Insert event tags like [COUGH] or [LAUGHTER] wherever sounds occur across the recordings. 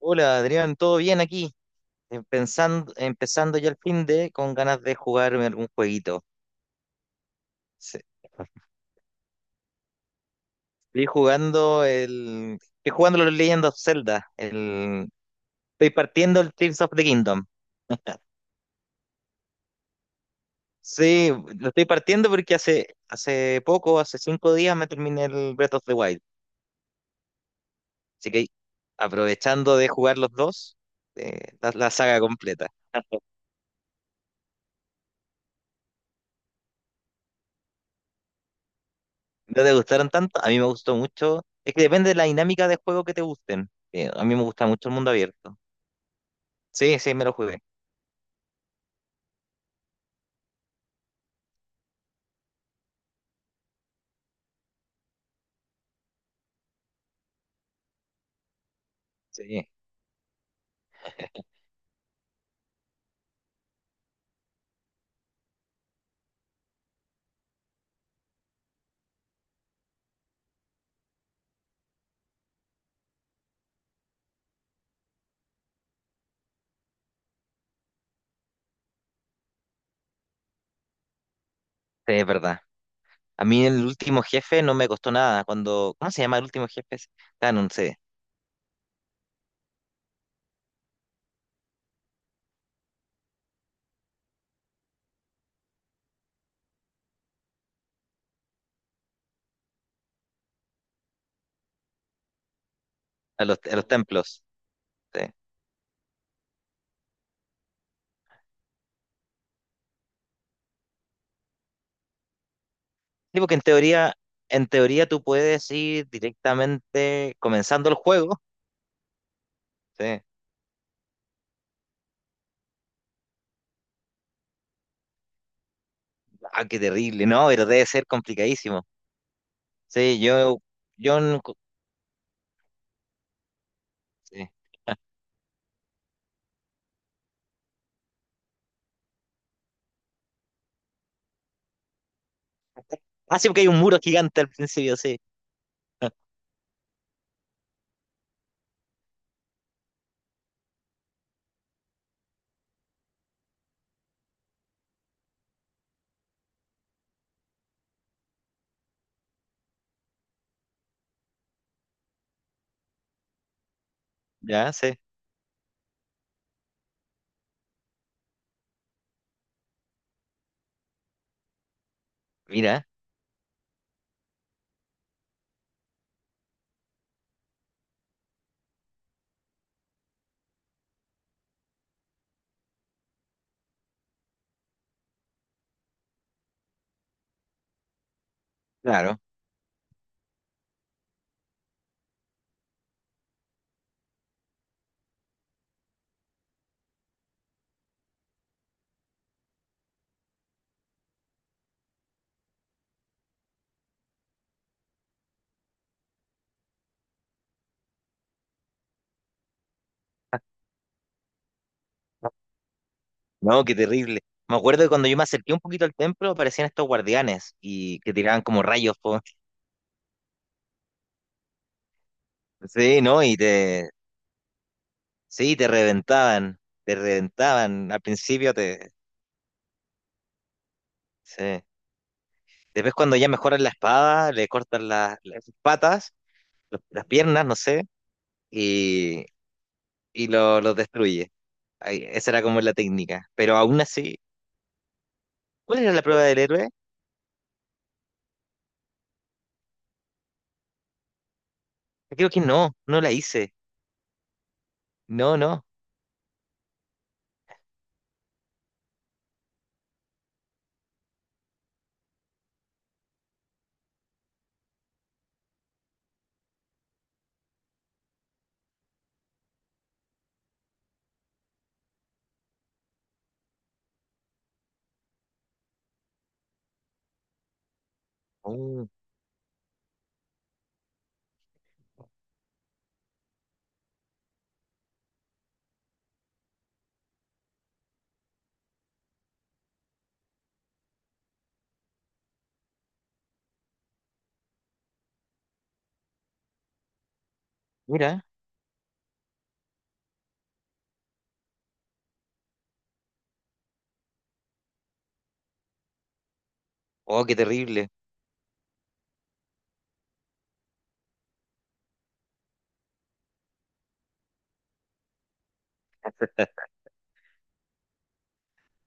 Hola Adrián, ¿todo bien aquí? Empezando ya el fin de con ganas de jugarme algún jueguito. Sí. Estoy jugando el. Estoy jugando los Legend of Zelda. El, estoy partiendo el Tears of the Kingdom. Sí, lo estoy partiendo porque hace poco, hace 5 días, me terminé el Breath of the Wild. Así que aprovechando de jugar los dos, la saga completa. [LAUGHS] ¿No te gustaron tanto? A mí me gustó mucho. Es que depende de la dinámica de juego que te gusten. A mí me gusta mucho el mundo abierto. Sí, sí, me lo jugué. Sí, sí, es verdad. A mí el último jefe no me costó nada. Cuando, ¿cómo se llama el último jefe? Canon, sí. A los templos. Sí. Sí, porque en teoría tú puedes ir directamente comenzando el juego. Sí. Ah, qué terrible, ¿no? Pero debe ser complicadísimo. Sí, yo, yo, no- sí. Ah, sí, porque hay un muro gigante al principio, sí. Ya, sí. Mira. Claro. No, qué terrible. Me acuerdo que cuando yo me acerqué un poquito al templo aparecían estos guardianes y que tiraban como rayos, po. Sí, ¿no? Y sí, te reventaban, te reventaban. Sí. Después cuando ya mejoran la espada, le cortan las patas, las piernas, no sé, y, y los destruye. Ahí, esa era como la técnica. Pero aún así, ¿cuál era la prueba del héroe? Creo que no, no la hice. No, no. Uh, mira. Oh, qué terrible.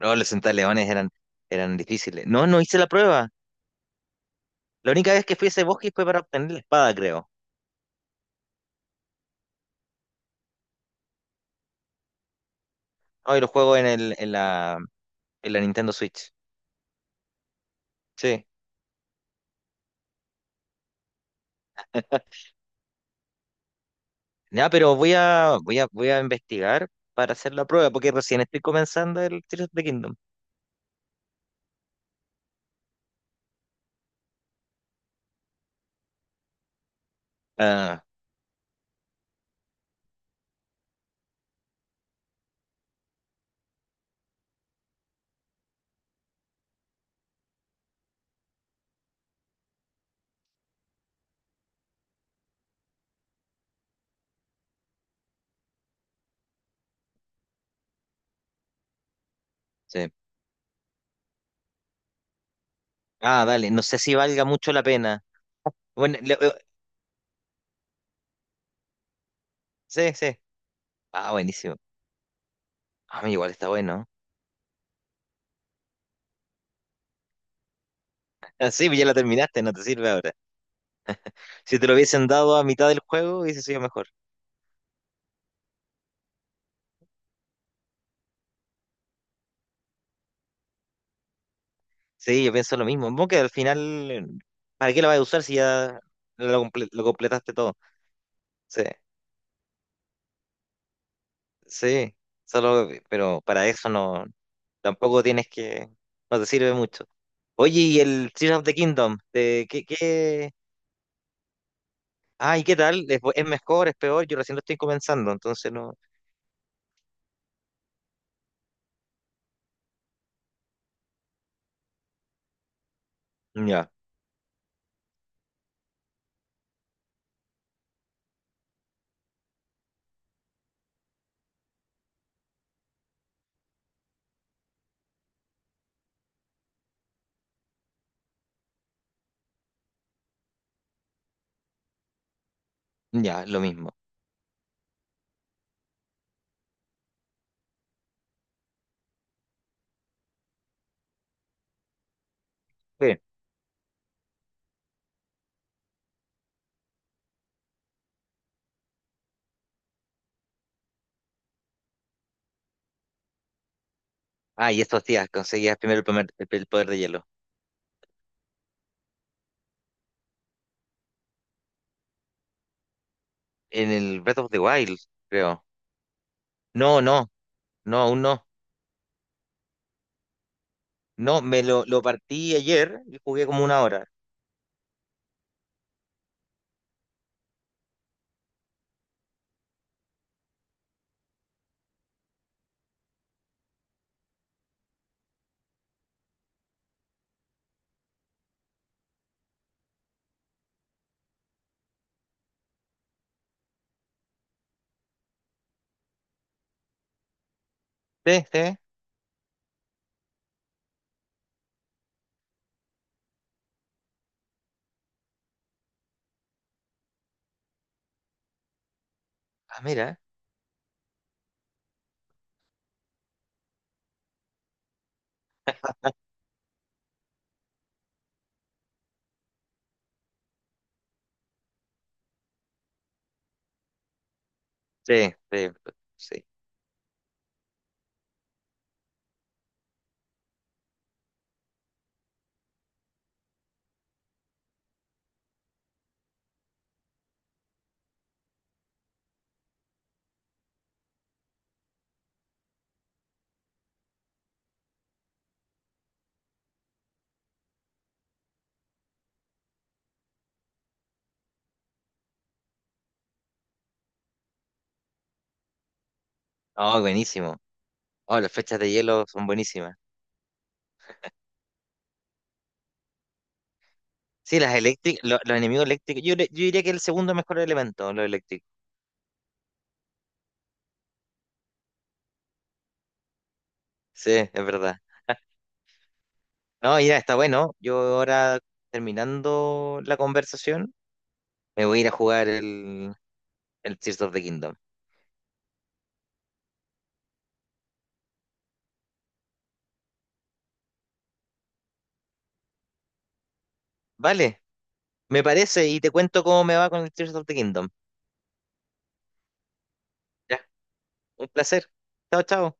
No, los centaleones eran difíciles. No, no hice la prueba. La única vez que fui a ese bosque fue para obtener la espada, creo. Hoy lo juego en en la Nintendo Switch. Sí. Ya, pero voy a investigar para hacer la prueba, porque recién estoy comenzando el Tears of the Kingdom. Ah, sí. Ah, dale. No sé si valga mucho la pena. Bueno, sí, sí. Ah, buenísimo. Ah, mira, igual está bueno. [LAUGHS] Ah, sí, pues ya la terminaste, no te sirve ahora. Si te lo hubiesen dado a mitad del juego, hubiese sido mejor. Sí, yo pienso lo mismo. Como que al final, ¿para qué lo vas a usar si ya lo completaste todo? Sí, sí, solo, pero para eso no, tampoco tienes que, no te sirve mucho. Oye, y el Tears of the Kingdom, ¿de qué, qué? Ay, ¿qué tal? ¿Es, es mejor, es peor? Yo recién lo estoy comenzando, entonces no. Ya, ya, lo mismo. Bien. Ah, y estos días conseguías primero el el poder de hielo. En el Breath of the Wild, creo. No, no, no, aún no. No, me lo partí ayer y jugué como 1 hora. Sí, sí. Ah, mira. Sí, sí, sí. Oh, buenísimo. Oh, las flechas de hielo son buenísimas. Sí, las eléctricas, los enemigos eléctricos. Yo, yo diría que el segundo mejor elemento, los eléctricos. Sí, es verdad. No, ya está bueno. Yo ahora, terminando la conversación, me voy a ir a jugar el Tears of the Kingdom. Vale, me parece y te cuento cómo me va con el Tears of the Kingdom. Ya, un placer. Chao, chao.